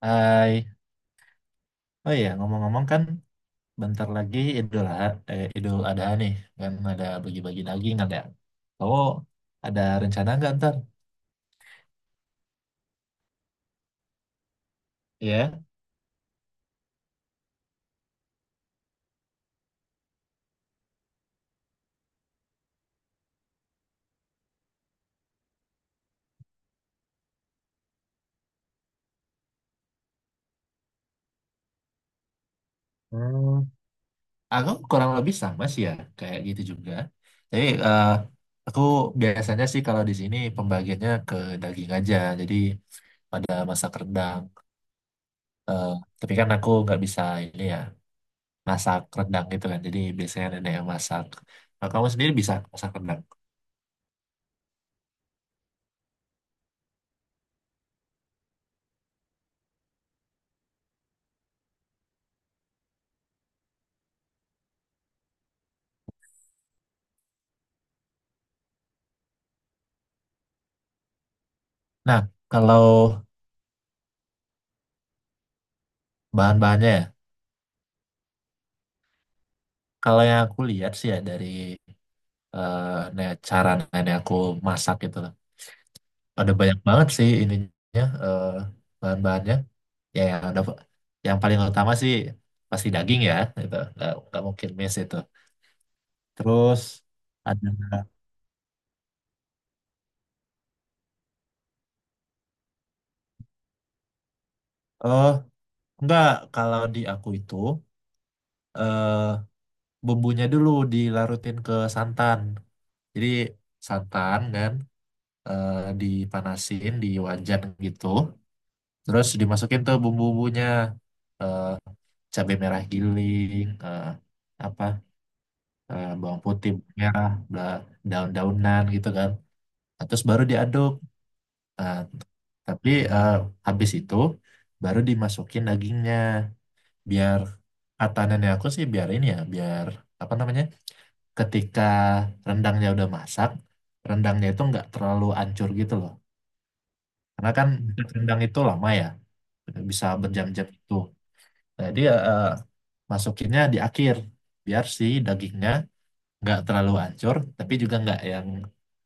Hai, oh iya ngomong-ngomong kan bentar lagi Idul Adha nih, kan ada bagi-bagi daging kan ya. Kamu ada rencana nggak ntar? Iya. Hmm, aku kurang lebih sama sih ya kayak gitu juga. Tapi aku biasanya sih kalau di sini pembagiannya ke daging aja. Jadi pada masak rendang. Eh, tapi kan aku nggak bisa ini ya, masak rendang gitu kan. Jadi biasanya nenek yang masak. Nah, kamu sendiri bisa masak rendang. Nah, kalau bahan-bahannya ya. Kalau yang aku lihat sih ya dari eh, cara nenek aku masak gitu loh. Ada banyak banget sih ininya, bahan-bahannya. Ya yang ada, yang paling utama sih pasti daging ya gitu. Nggak mungkin miss itu. Terus ada, oh enggak, kalau di aku itu eh bumbunya dulu dilarutin ke santan. Jadi santan kan eh, dipanasin di wajan gitu. Terus dimasukin tuh bumbu-bumbunya, eh cabai merah giling, apa, bawang putih merah, bla, daun-daunan gitu kan. Nah, terus baru diaduk. Nah, tapi habis itu baru dimasukin dagingnya, biar kata nenek aku sih biar ini ya, biar apa namanya? Ketika rendangnya udah masak, rendangnya itu nggak terlalu ancur gitu loh. Karena kan, hmm, rendang itu lama ya, bisa berjam-jam itu. Jadi eh, masukinnya di akhir biar si dagingnya nggak terlalu hancur tapi juga nggak yang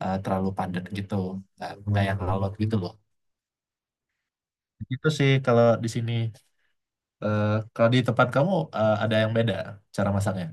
terlalu padat gitu, nggak yang lalot gitu loh. Itu sih kalau di sini. Eh, Kalau di tempat kamu ada yang beda cara masaknya?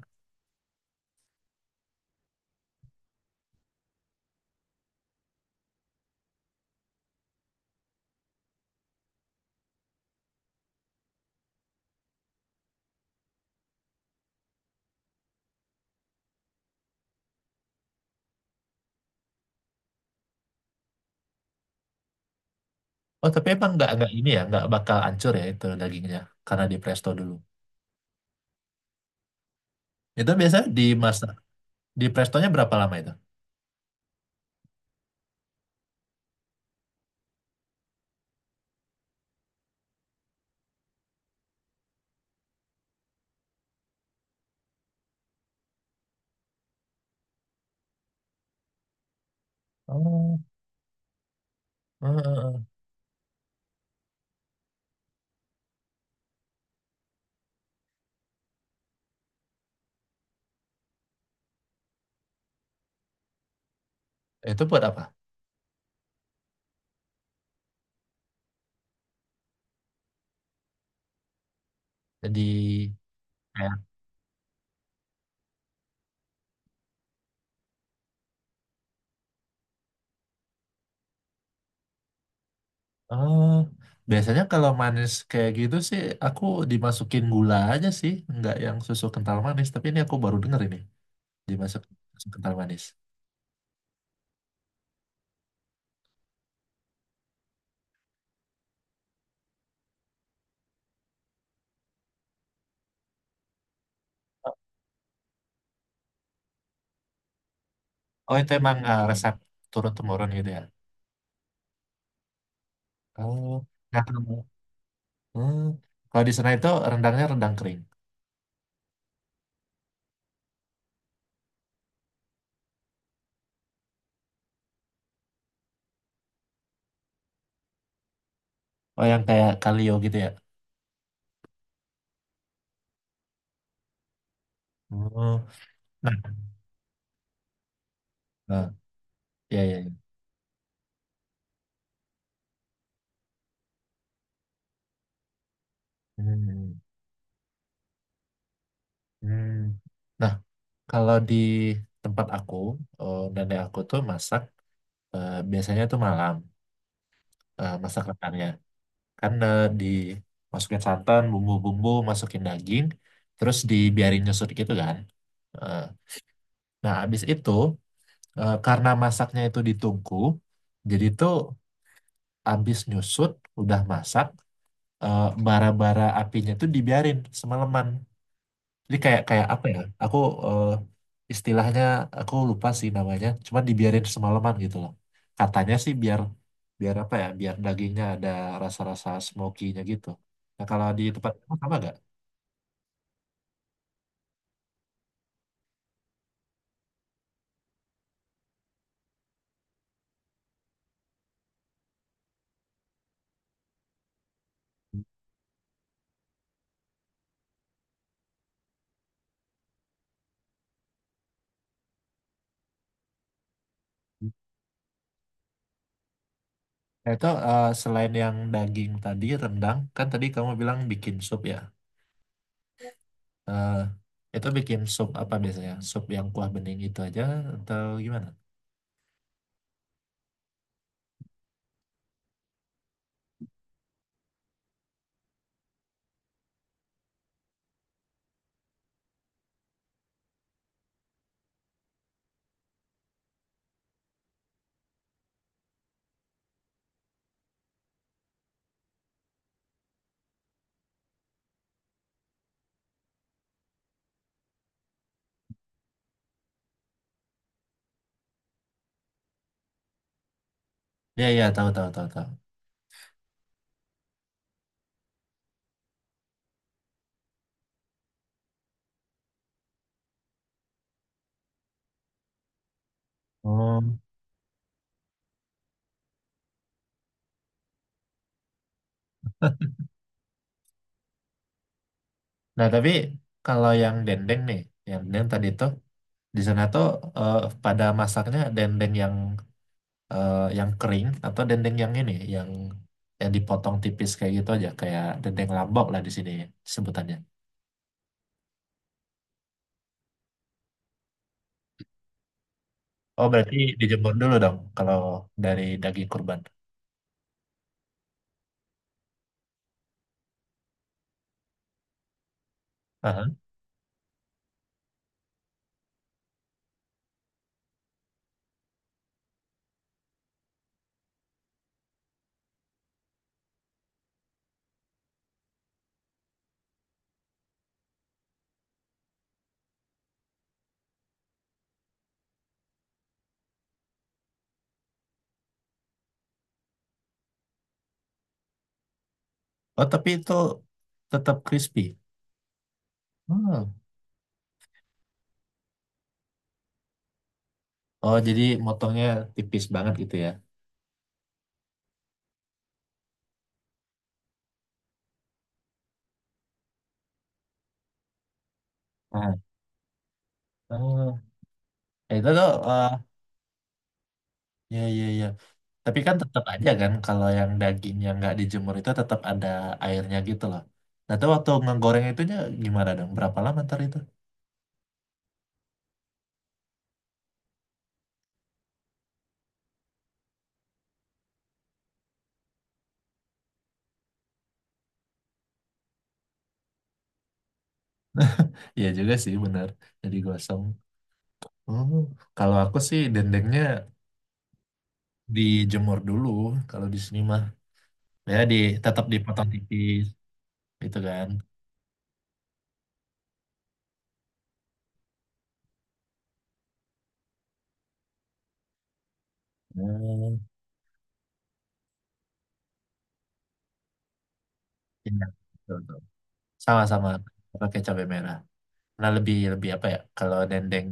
Oh tapi emang nggak ini ya, nggak bakal hancur ya itu dagingnya karena di presto dulu? Itu biasanya dimasak di prestonya berapa lama itu? Oh, eh, eh, eh. itu buat apa? Jadi, oh, biasanya kalau manis kayak gitu sih aku dimasukin gula aja sih, nggak yang susu kental manis. Tapi ini aku baru denger ini dimasukin susu kental manis. Oh itu emang resep turun temurun gitu ya? Oh, nggak tahu. Hmm. Kalau di sana itu rendangnya rendang kering. Oh yang kayak kalio gitu ya? Oh, nah, nah, ya ya, ya. Hmm. Hmm. Nah kalau di tempat aku, oh, nenek aku tuh masak, biasanya tuh malam masak rendangnya. Karena dimasukin santan, bumbu-bumbu, masukin daging, terus dibiarin nyusut gitu kan. Eh, nah abis itu, karena masaknya itu ditungku, jadi tuh abis nyusut udah masak, bara-bara apinya tuh dibiarin semalaman, jadi kayak kayak apa ya? Aku, eh, istilahnya aku lupa sih namanya. Cuman dibiarin semalaman gitu loh. Katanya sih biar, biar apa ya? Biar dagingnya ada rasa-rasa smoky-nya gitu. Nah kalau di tempat kamu sama gak? Nah itu selain yang daging tadi rendang, kan tadi kamu bilang bikin sup ya. Eh, itu bikin sup apa biasanya? Sup yang kuah bening itu aja atau gimana? Ya ya, tahu tahu tahu tahu. Hmm. Nah tapi kalau yang dendeng nih, yang dendeng tadi itu di sana tuh, eh, pada masaknya dendeng yang yang kering atau dendeng yang ini yang dipotong tipis kayak gitu aja kayak dendeng lambok lah di sini sebutannya. Oh berarti dijemur dulu dong kalau dari daging kurban. Aha. Oh tapi itu tetap crispy. Hmm. Oh jadi motongnya tipis banget gitu ya. Ah. Oh, itu tuh, eh, ya ya ya. Tapi kan tetap aja kan kalau yang dagingnya nggak dijemur itu tetap ada airnya gitu loh. Nah, tuh waktu ngegoreng itunya gimana dong? Berapa lama ntar itu? Iya juga sih bener. Jadi gosong. Oh, kalau aku sih dendengnya dijemur dulu kalau di sini mah. Ya di, tetap dipotong tipis gitu kan. Oh, iya. Betul, betul. Sama-sama pakai cabai merah. Nah, lebih lebih apa ya? Kalau dendeng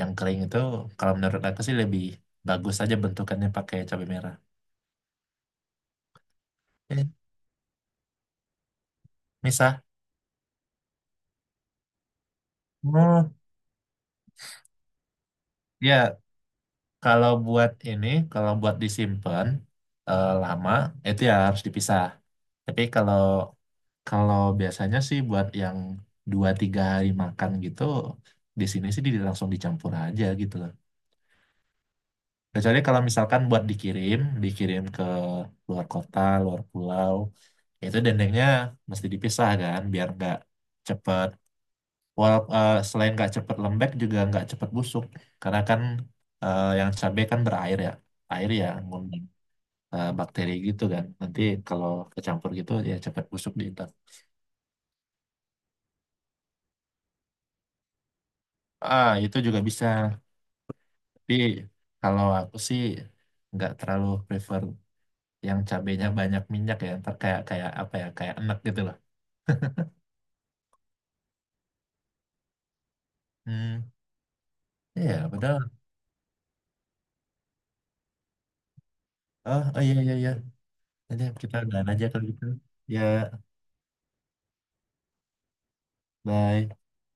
yang kering itu kalau menurut aku sih lebih bagus aja bentukannya pakai cabai merah. Eh, Misah. Hmm, ya kalau buat ini, kalau buat disimpan lama itu ya harus dipisah. Tapi kalau Kalau biasanya sih buat yang 2 3 hari makan gitu, di sini sih di-, langsung dicampur aja gitu loh. Kecuali kalau misalkan buat dikirim, dikirim ke luar kota, luar pulau, itu dendengnya mesti dipisah kan, biar nggak cepet. Walau selain nggak cepet lembek juga nggak cepet busuk karena kan yang cabai kan berair ya, air ya ngundang bakteri gitu kan. Nanti kalau kecampur gitu ya cepet busuk di intan. Ah itu juga bisa. Tapi kalau aku sih nggak terlalu prefer yang cabainya banyak minyak ya. Ntar kayak kayak apa ya kayak enak gitu loh. Hmm, iya padahal. Oh, oh iya iya iya. Jadi kita udahan aja kalau gitu. Ya, bye.